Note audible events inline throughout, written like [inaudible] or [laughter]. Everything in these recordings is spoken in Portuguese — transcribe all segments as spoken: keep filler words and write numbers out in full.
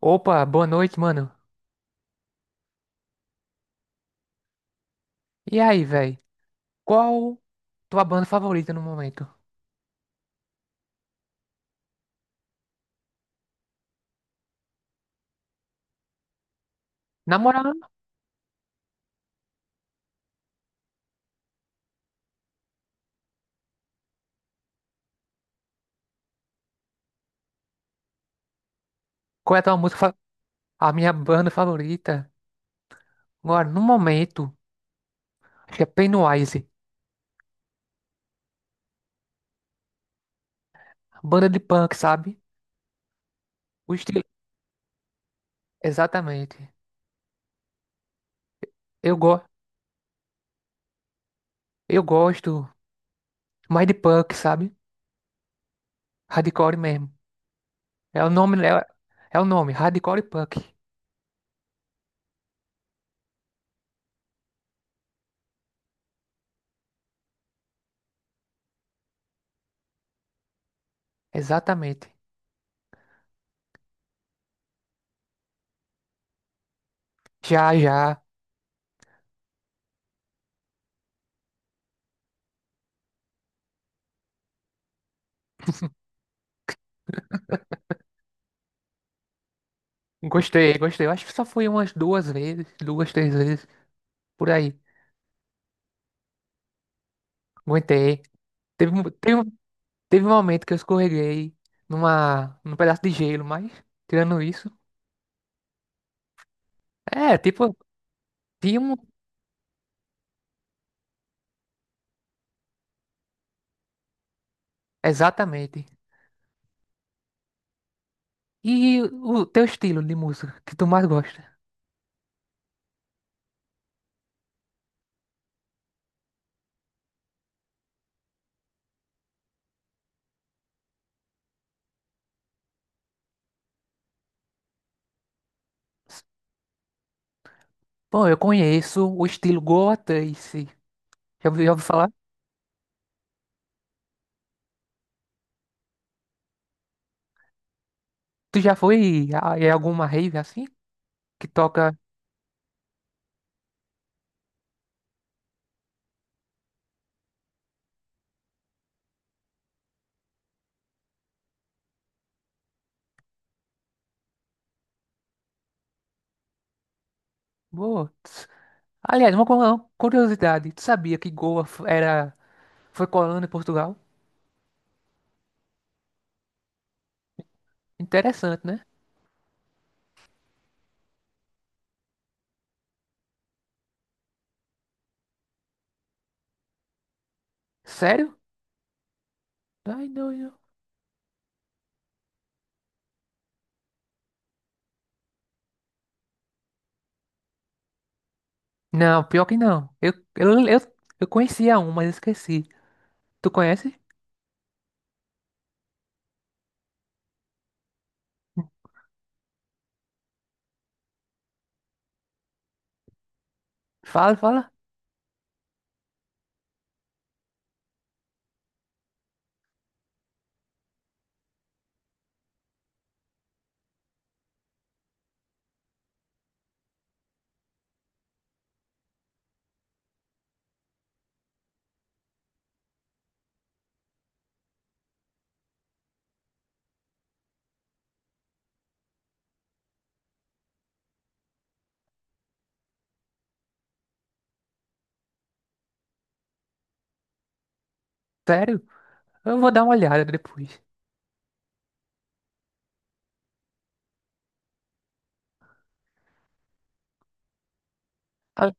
Opa, boa noite, mano. E aí, velho? Qual tua banda favorita no momento? Na moral, qual é a tua música? fa- A minha banda favorita, agora, no momento, acho que é Pennywise. Banda de punk, sabe? O estilo. Exatamente. Eu, go... Eu gosto mais de punk, sabe? Hardcore mesmo. É o nome, é, É o nome, Hardcore Punk. Exatamente. Já, já. Gostei, gostei. Eu acho que só fui umas duas vezes, duas, três vezes, por aí. Aguentei. Teve, um- teve, um- Teve um momento que eu escorreguei numa, num pedaço de gelo, mas tirando isso, é, tipo, tinha um, exatamente. E o teu estilo de música que tu mais gosta? Bom, eu conheço o estilo Goa Trance. Já ouvi, já ouvi falar? Tu já foi a- em alguma rave assim? Que toca. Boa. Tss. Aliás, uma cu- uma curiosidade. Tu sabia que Goa f- era... foi colônia de Portugal? Interessante, né? Sério? Ai, não. Não, pior que não. Eu, eu, eu, eu conhecia um, mas esqueci. Tu conhece? Fala, fala. Sério? Eu vou dar uma olhada depois. Ah,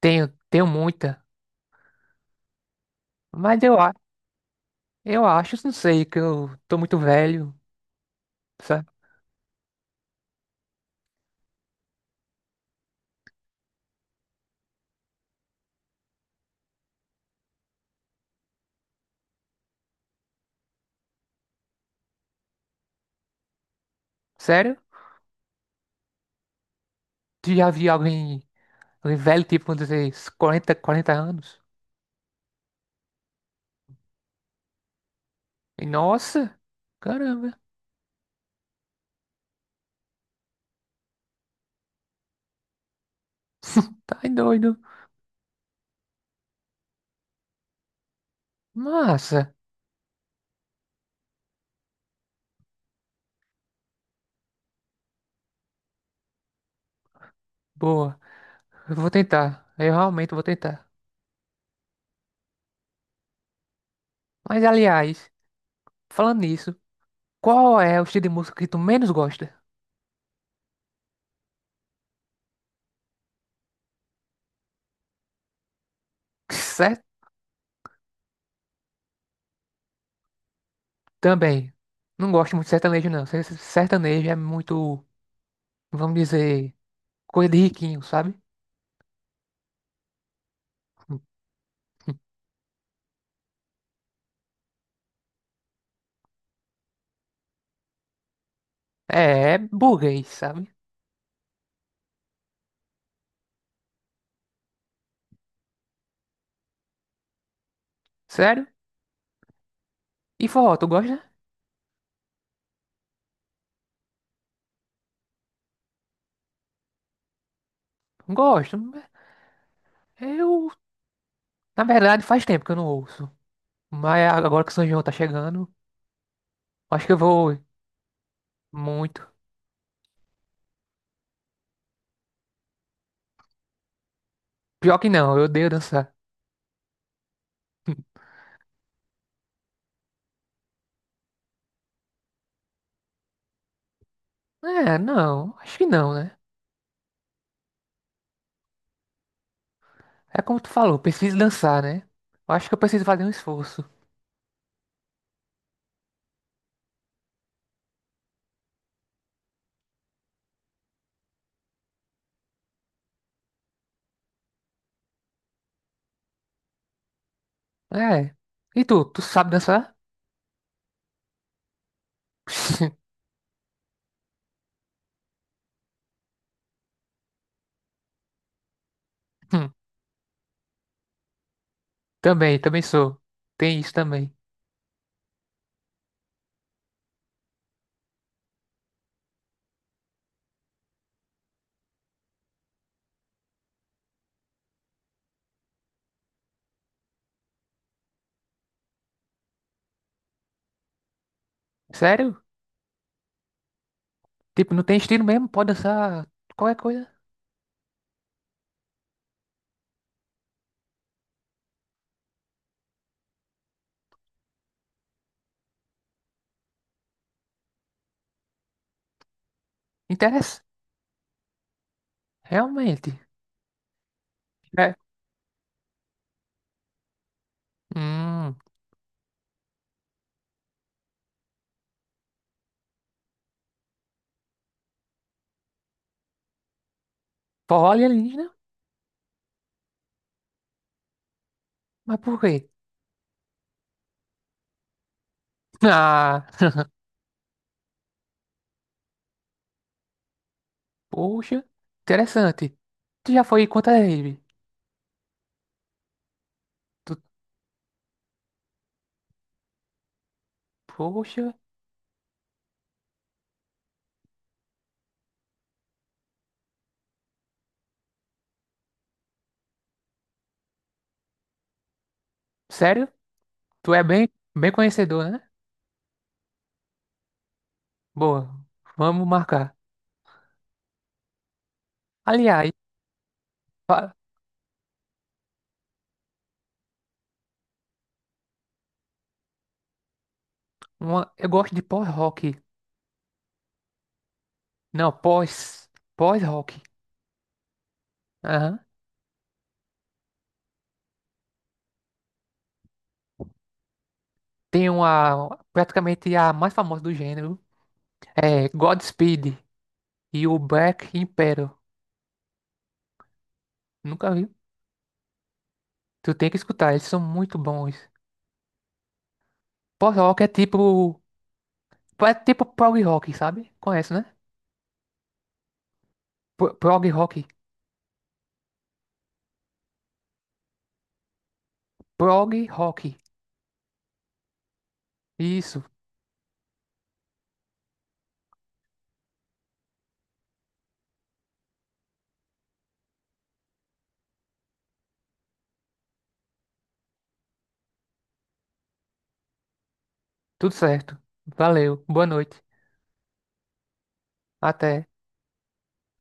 tenho, tenho muita. Mas eu, a- eu acho, não sei, que eu tô muito velho. Sa- Sério? Tu já viu alguém, alguém velho, tipo, vamos dizer, uns quarenta 40 anos? E, nossa! Caramba! [laughs] Tá doido. Massa. Boa. Eu vou tentar. Eu realmente vou tentar. Mas, aliás, falando nisso. Qual é o estilo de música que tu menos gosta? Certo? Também. Não gosto muito de sertanejo, não. Se- se- Sertanejo é muito, vamos dizer, coisa de riquinho, sabe? [laughs] É, é burguês, sabe? Sério? E forró, tu gosta? Gosto. Eu, na verdade, faz tempo que eu não ouço. Mas agora que o São João tá chegando, acho que eu vou muito. Pior que não, eu odeio dançar. [laughs] É, não, acho que não, né? É como tu falou, preciso dançar, né? Eu acho que eu preciso fazer um esforço. É. E tu, tu sabe dançar? [laughs] Hum, também, também sou. Tem isso também. Sério? Tipo, não tem estilo mesmo? Pode dançar qualquer coisa. Interessa? Realmente. É. Hum. Forró alienígena? Mas por quê? [laughs] Ah, poxa. Interessante. Tu já foi quantas vezes? Tu, poxa. Sério? Tu é bem, bem conhecedor, né? Boa. Vamos marcar. Aliás, fa- uma- eu gosto de pós-rock. Não, pós. Pós-rock. Aham. Tem uma, praticamente a mais famosa do gênero, é Godspeed e o Black Emperor. Nunca vi. Tu tem que escutar, eles são muito bons. Prog-rock é tipo, é tipo prog rock, sabe? Conhece, né? Pro- Prog rock. Prog rock. Isso. Tudo certo. Valeu. Boa noite. Até.